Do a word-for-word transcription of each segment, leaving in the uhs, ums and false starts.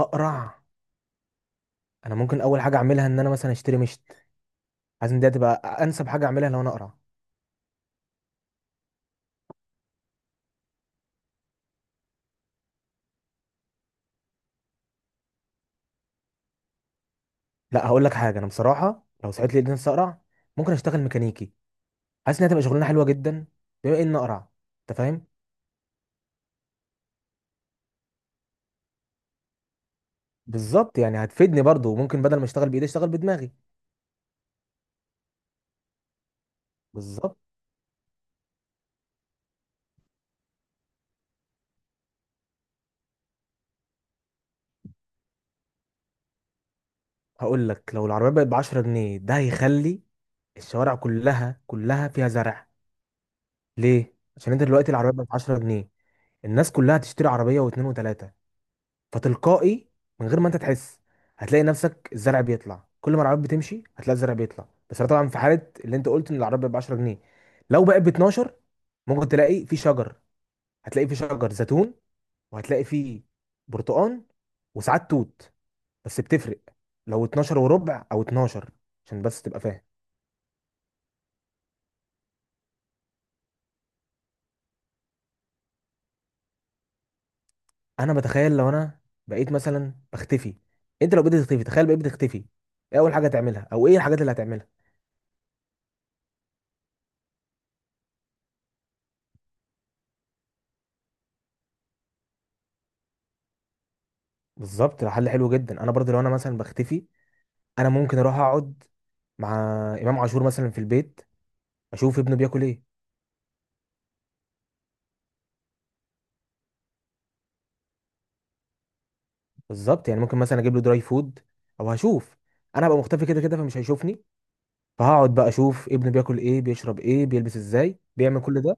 اقرع. انا ممكن اول حاجه اعملها ان انا مثلا اشتري مشت، عايز ان دي تبقى انسب حاجه اعملها لو انا اقرع. لا، هقول لك حاجه، انا بصراحه لو صحيت لي نفسي اقرع ممكن اشتغل ميكانيكي، حاسس انها تبقى شغلانه حلوه جدا بما ان اقرع، انت فاهم. بالظبط، يعني هتفيدني برضو، ممكن بدل ما اشتغل بايدي اشتغل بدماغي. بالظبط. هقول لك، لو العربيه بقت ب عشرة جنيه ده هيخلي الشوارع كلها كلها فيها زرع. ليه؟ عشان انت دلوقتي العربيه بقت ب عشرة جنيه، الناس كلها هتشتري عربيه واثنين وثلاثه، فتلقائي من غير ما انت تحس هتلاقي نفسك الزرع بيطلع، كل ما العربيات بتمشي هتلاقي الزرع بيطلع. بس ده طبعا في حاله اللي انت قلت ان العربيه ب عشرة جنيه. لو بقت ب اتناشر ممكن تلاقي في شجر، هتلاقي في شجر زيتون، وهتلاقي فيه برتقان، وساعات توت. بس بتفرق لو اتناشر وربع او اتناشر، عشان بس تبقى فاهم. انا بتخيل لو انا بقيت مثلا بختفي. انت لو بقيت تختفي، تخيل بقيت بتختفي، ايه اول حاجه تعملها او ايه الحاجات اللي هتعملها؟ بالظبط، ده حل حلو جدا. انا برضو لو انا مثلا بختفي، انا ممكن اروح اقعد مع امام عاشور مثلا في البيت، اشوف ابنه بياكل ايه. بالظبط، يعني ممكن مثلا اجيب له دراي فود. او هشوف، انا هبقى مختفي كده كده فمش هيشوفني، فهقعد بقى اشوف ابنه بياكل ايه، بيشرب ايه، بيلبس ازاي، بيعمل كل ده.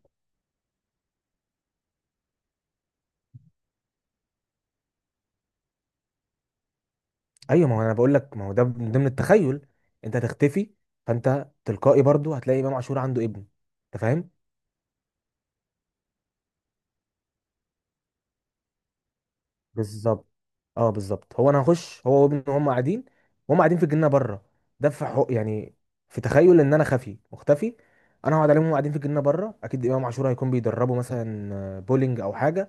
ايوه، ما هو انا بقول لك ما هو ده من ضمن التخيل، انت هتختفي، فانت تلقائي برضو هتلاقي امام عاشور عنده ابن، انت فاهم. بالظبط. اه، بالظبط، هو انا هخش هو وابنه وهم قاعدين، وهم قاعدين في الجنينه بره. ده في حق يعني في تخيل ان انا خفي مختفي، انا هقعد عليهم وهم قاعدين في الجنينه بره. اكيد امام عاشور هيكون بيدربوا مثلا آه، بولينج او حاجه،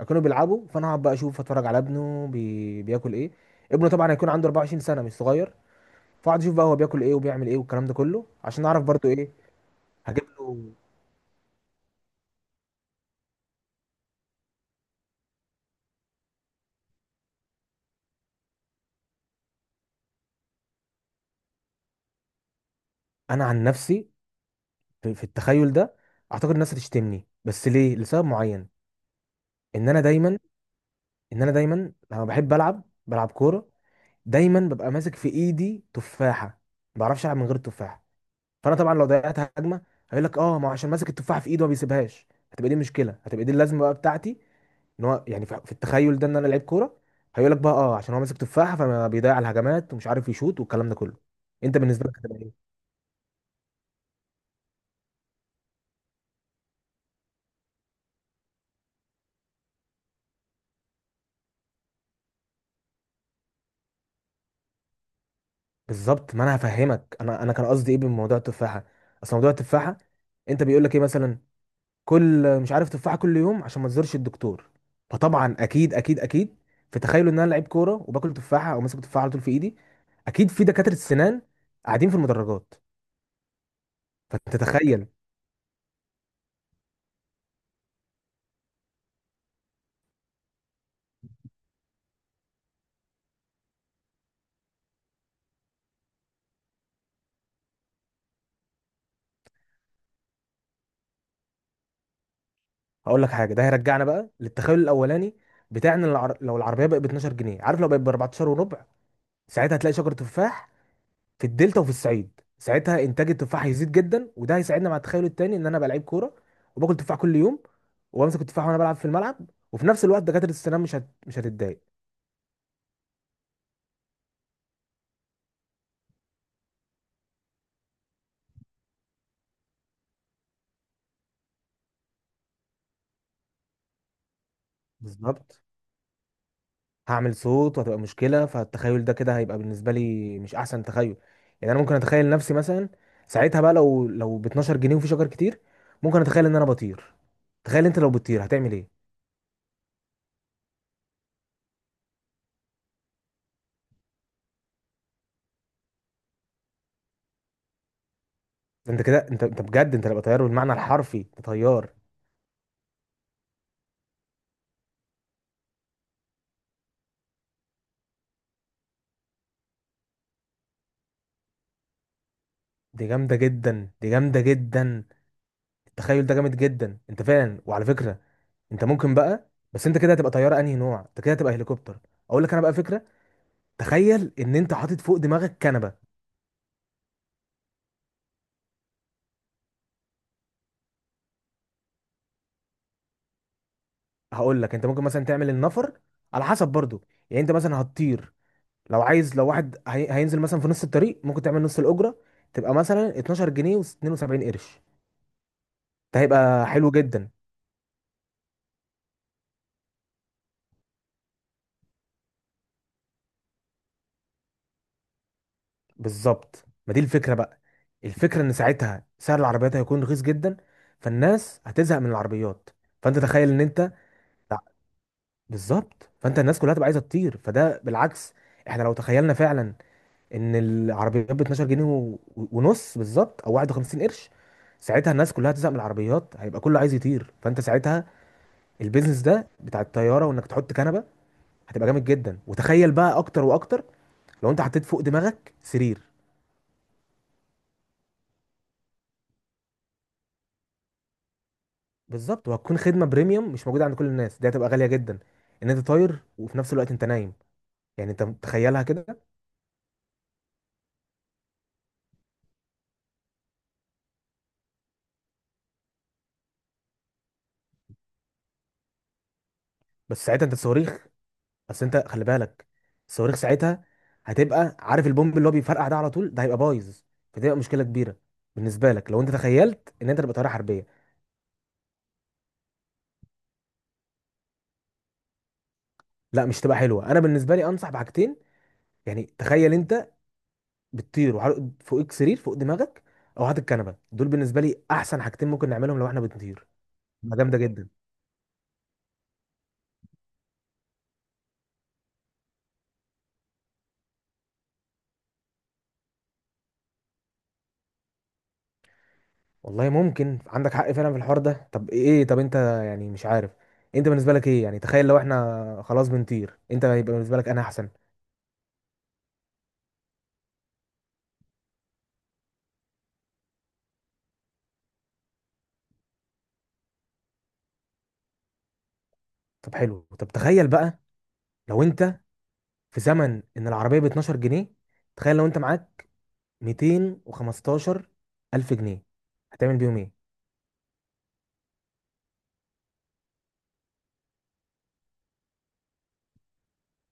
هيكونوا بيلعبوا، فانا هقعد بقى اشوف، اتفرج على ابنه بي... بياكل ايه. ابنه طبعا هيكون عنده اربع وعشرين سنة سنه مش صغير، فاقعد اشوف بقى هو بياكل ايه وبيعمل ايه والكلام ده كله، عشان اعرف برضو ايه. هجيب له. انا عن نفسي في في التخيل ده اعتقد الناس هتشتمني، بس ليه؟ لسبب معين، ان انا دايما ان انا دايما لما بحب العب بلعب كوره، دايما ببقى ماسك في ايدي تفاحه، ما بعرفش العب من غير التفاحه. فانا طبعا لو ضيعت هجمه هيقول لك اه ما هو عشان ماسك التفاحه في ايده ما بيسيبهاش. هتبقى دي مشكله، هتبقى دي اللازمه بقى بتاعتي، ان هو يعني في في التخيل ده ان انا لعيب كوره، هيقول لك بقى اه عشان هو ماسك تفاحه فما بيضيع الهجمات ومش عارف يشوط والكلام ده كله. انت بالنسبه لك هتبقى ايه؟ بالظبط. ما انا هفهمك، انا انا كان قصدي ايه بموضوع التفاحه. اصل موضوع التفاحه، انت بيقول لك ايه مثلا؟ كل مش عارف تفاحه كل يوم عشان ما تزورش الدكتور. فطبعا اكيد اكيد اكيد في تخيلوا ان انا لعيب كوره وباكل تفاحه او ماسك تفاحه على طول في ايدي، اكيد في دكاتره السنان قاعدين في المدرجات، فتتخيل. هقول لك حاجه، ده هيرجعنا بقى للتخيل الاولاني بتاعنا. العر... لو العربيه بقت ب اتناشر جنيه، عارف لو بقت ب اربعتاشر وربع ساعتها هتلاقي شجر تفاح في الدلتا وفي الصعيد. ساعتها انتاج التفاح هيزيد جدا، وده هيساعدنا مع التخيل التاني ان انا بقى لعيب كوره، وباكل تفاح كل يوم، وبمسك التفاح وانا بلعب في الملعب، وفي نفس الوقت دكاتره السنان مش هت... مش هتتضايق. بالظبط. هعمل صوت وهتبقى مشكلة، فالتخيل ده كده هيبقى بالنسبة لي مش أحسن تخيل. يعني أنا ممكن أتخيل نفسي مثلا ساعتها بقى، لو لو ب اتناشر جنيه وفي شجر كتير، ممكن أتخيل إن أنا بطير. تخيل أنت لو بتطير هتعمل إيه؟ أنت كده، أنت أنت بجد أنت هتبقى طيار بالمعنى الحرفي، أنت طيار. دي جامدة جدا، دي جامدة جدا، التخيل ده جامد جدا أنت فعلا. وعلى فكرة أنت ممكن بقى، بس أنت كده هتبقى طيارة أنهي نوع؟ أنت كده هتبقى هليكوبتر. أقول لك أنا بقى فكرة، تخيل إن أنت حاطط فوق دماغك كنبة. هقول لك انت ممكن مثلا تعمل النفر على حسب برضو، يعني انت مثلا هتطير، لو عايز، لو واحد هي... هينزل مثلا في نص الطريق ممكن تعمل نص الاجره، تبقى مثلا اتناشر جنيه و72 قرش، ده هيبقى حلو جدا. بالظبط، ما دي الفكره بقى. الفكره ان ساعتها سعر العربيات هيكون رخيص جدا، فالناس هتزهق من العربيات. فانت تخيل ان انت. لا. بالظبط، فانت الناس كلها تبقى عايزه تطير، فده بالعكس. احنا لو تخيلنا فعلا ان العربيات ب اتناشر جنيه و- ونص بالظبط او واحد وخمسين قرش، ساعتها الناس كلها هتزهق من العربيات، هيبقى كله عايز يطير، فانت ساعتها البيزنس ده بتاع الطياره وانك تحط كنبه هتبقى جامد جدا. وتخيل بقى اكتر واكتر، لو انت حطيت فوق دماغك سرير. بالظبط، وهتكون خدمه بريميوم مش موجوده عند كل الناس، دي هتبقى غاليه جدا، ان انت طاير وفي نفس الوقت انت نايم. يعني انت تخيلها كده. بس ساعتها انت الصواريخ، بس انت خلي بالك، الصواريخ ساعتها هتبقى عارف البومب اللي هو بيفرقع ده على طول، ده هيبقى بايظ، فتبقى مشكله كبيره بالنسبه لك لو انت تخيلت ان انت تبقى طياره حربيه. لا مش تبقى حلوه. انا بالنسبه لي انصح بحاجتين، يعني تخيل انت بتطير وعلى- فوقك سرير فوق دماغك، او هات الكنبه، دول بالنسبه لي احسن حاجتين ممكن نعملهم لو احنا بنطير، تبقى جامده جدا. والله ممكن عندك حق فعلا في الحوار ده. طب ايه، إيه، طب انت يعني مش عارف، انت بالنسبه لك ايه؟ يعني تخيل لو احنا خلاص بنطير، انت هيبقى بالنسبه لك انا احسن. طب حلو، طب تخيل بقى لو انت في زمن ان العربيه ب اتناشر جنيه، تخيل لو انت معاك ميتين وخمستاشر الف جنيه هتعمل بيهم ايه؟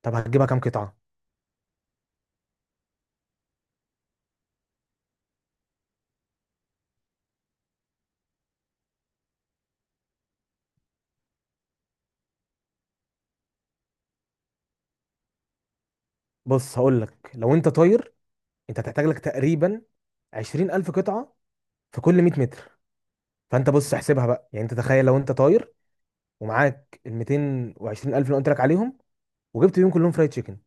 طب هتجيبها كام قطعه؟ بص هقول لك، لو انت طاير انت هتحتاج لك تقريبا 20000 الف قطعه في كل ميه متر. فانت بص احسبها بقى، يعني انت تخيل لو انت طاير ومعاك ال 220000 الف اللي قلت لك عليهم، وجبت بيهم كلهم فرايد تشيكن،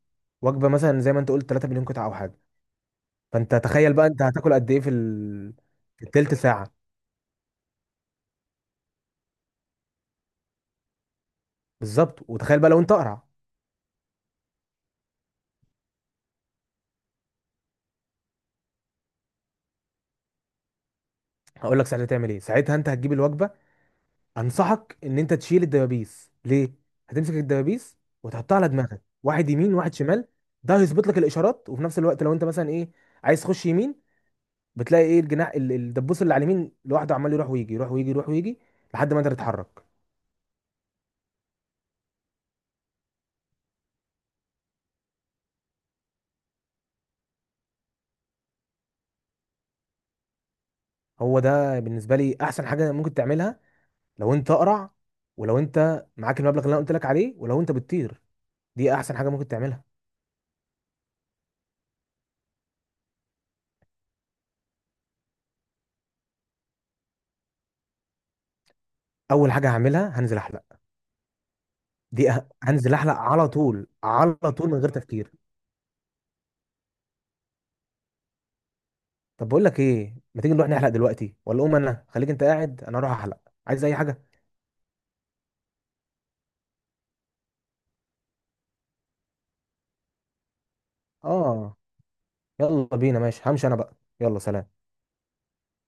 وجبه مثلا زي ما انت قلت تلاتة مليون قطعه او حاجه، فانت تخيل بقى انت هتاكل قد ايه في ال- في التلت ساعه؟ بالظبط. وتخيل بقى لو انت اقرع. هقول لك ساعتها تعمل ايه. ساعتها انت هتجيب الوجبه، انصحك ان انت تشيل الدبابيس. ليه؟ هتمسك الدبابيس وتحطها على دماغك، واحد يمين واحد شمال، ده هيظبط لك الاشارات. وفي نفس الوقت لو انت مثلا ايه عايز تخش يمين، بتلاقي ايه، الجناح ال- الدبوس اللي على اليمين لوحده عمال يروح ويجي يروح ويجي يروح ويجي لحد ما انت تتحرك. هو ده بالنسبه لي احسن حاجه ممكن تعملها لو انت اقرع، ولو انت معاك المبلغ اللي انا قلت لك عليه، ولو انت بتطير، دي احسن حاجه ممكن تعملها. اول حاجه هعملها هنزل احلق. دي أه- هنزل احلق على طول على طول من غير تفكير. طب بقول لك ايه، ما تيجي نروح نحلق دلوقتي؟ ولا قوم انا، خليك انت قاعد انا اروح احلق، عايز اي حاجه؟ اه. يلا بينا، ماشي همشي انا بقى، يلا سلام.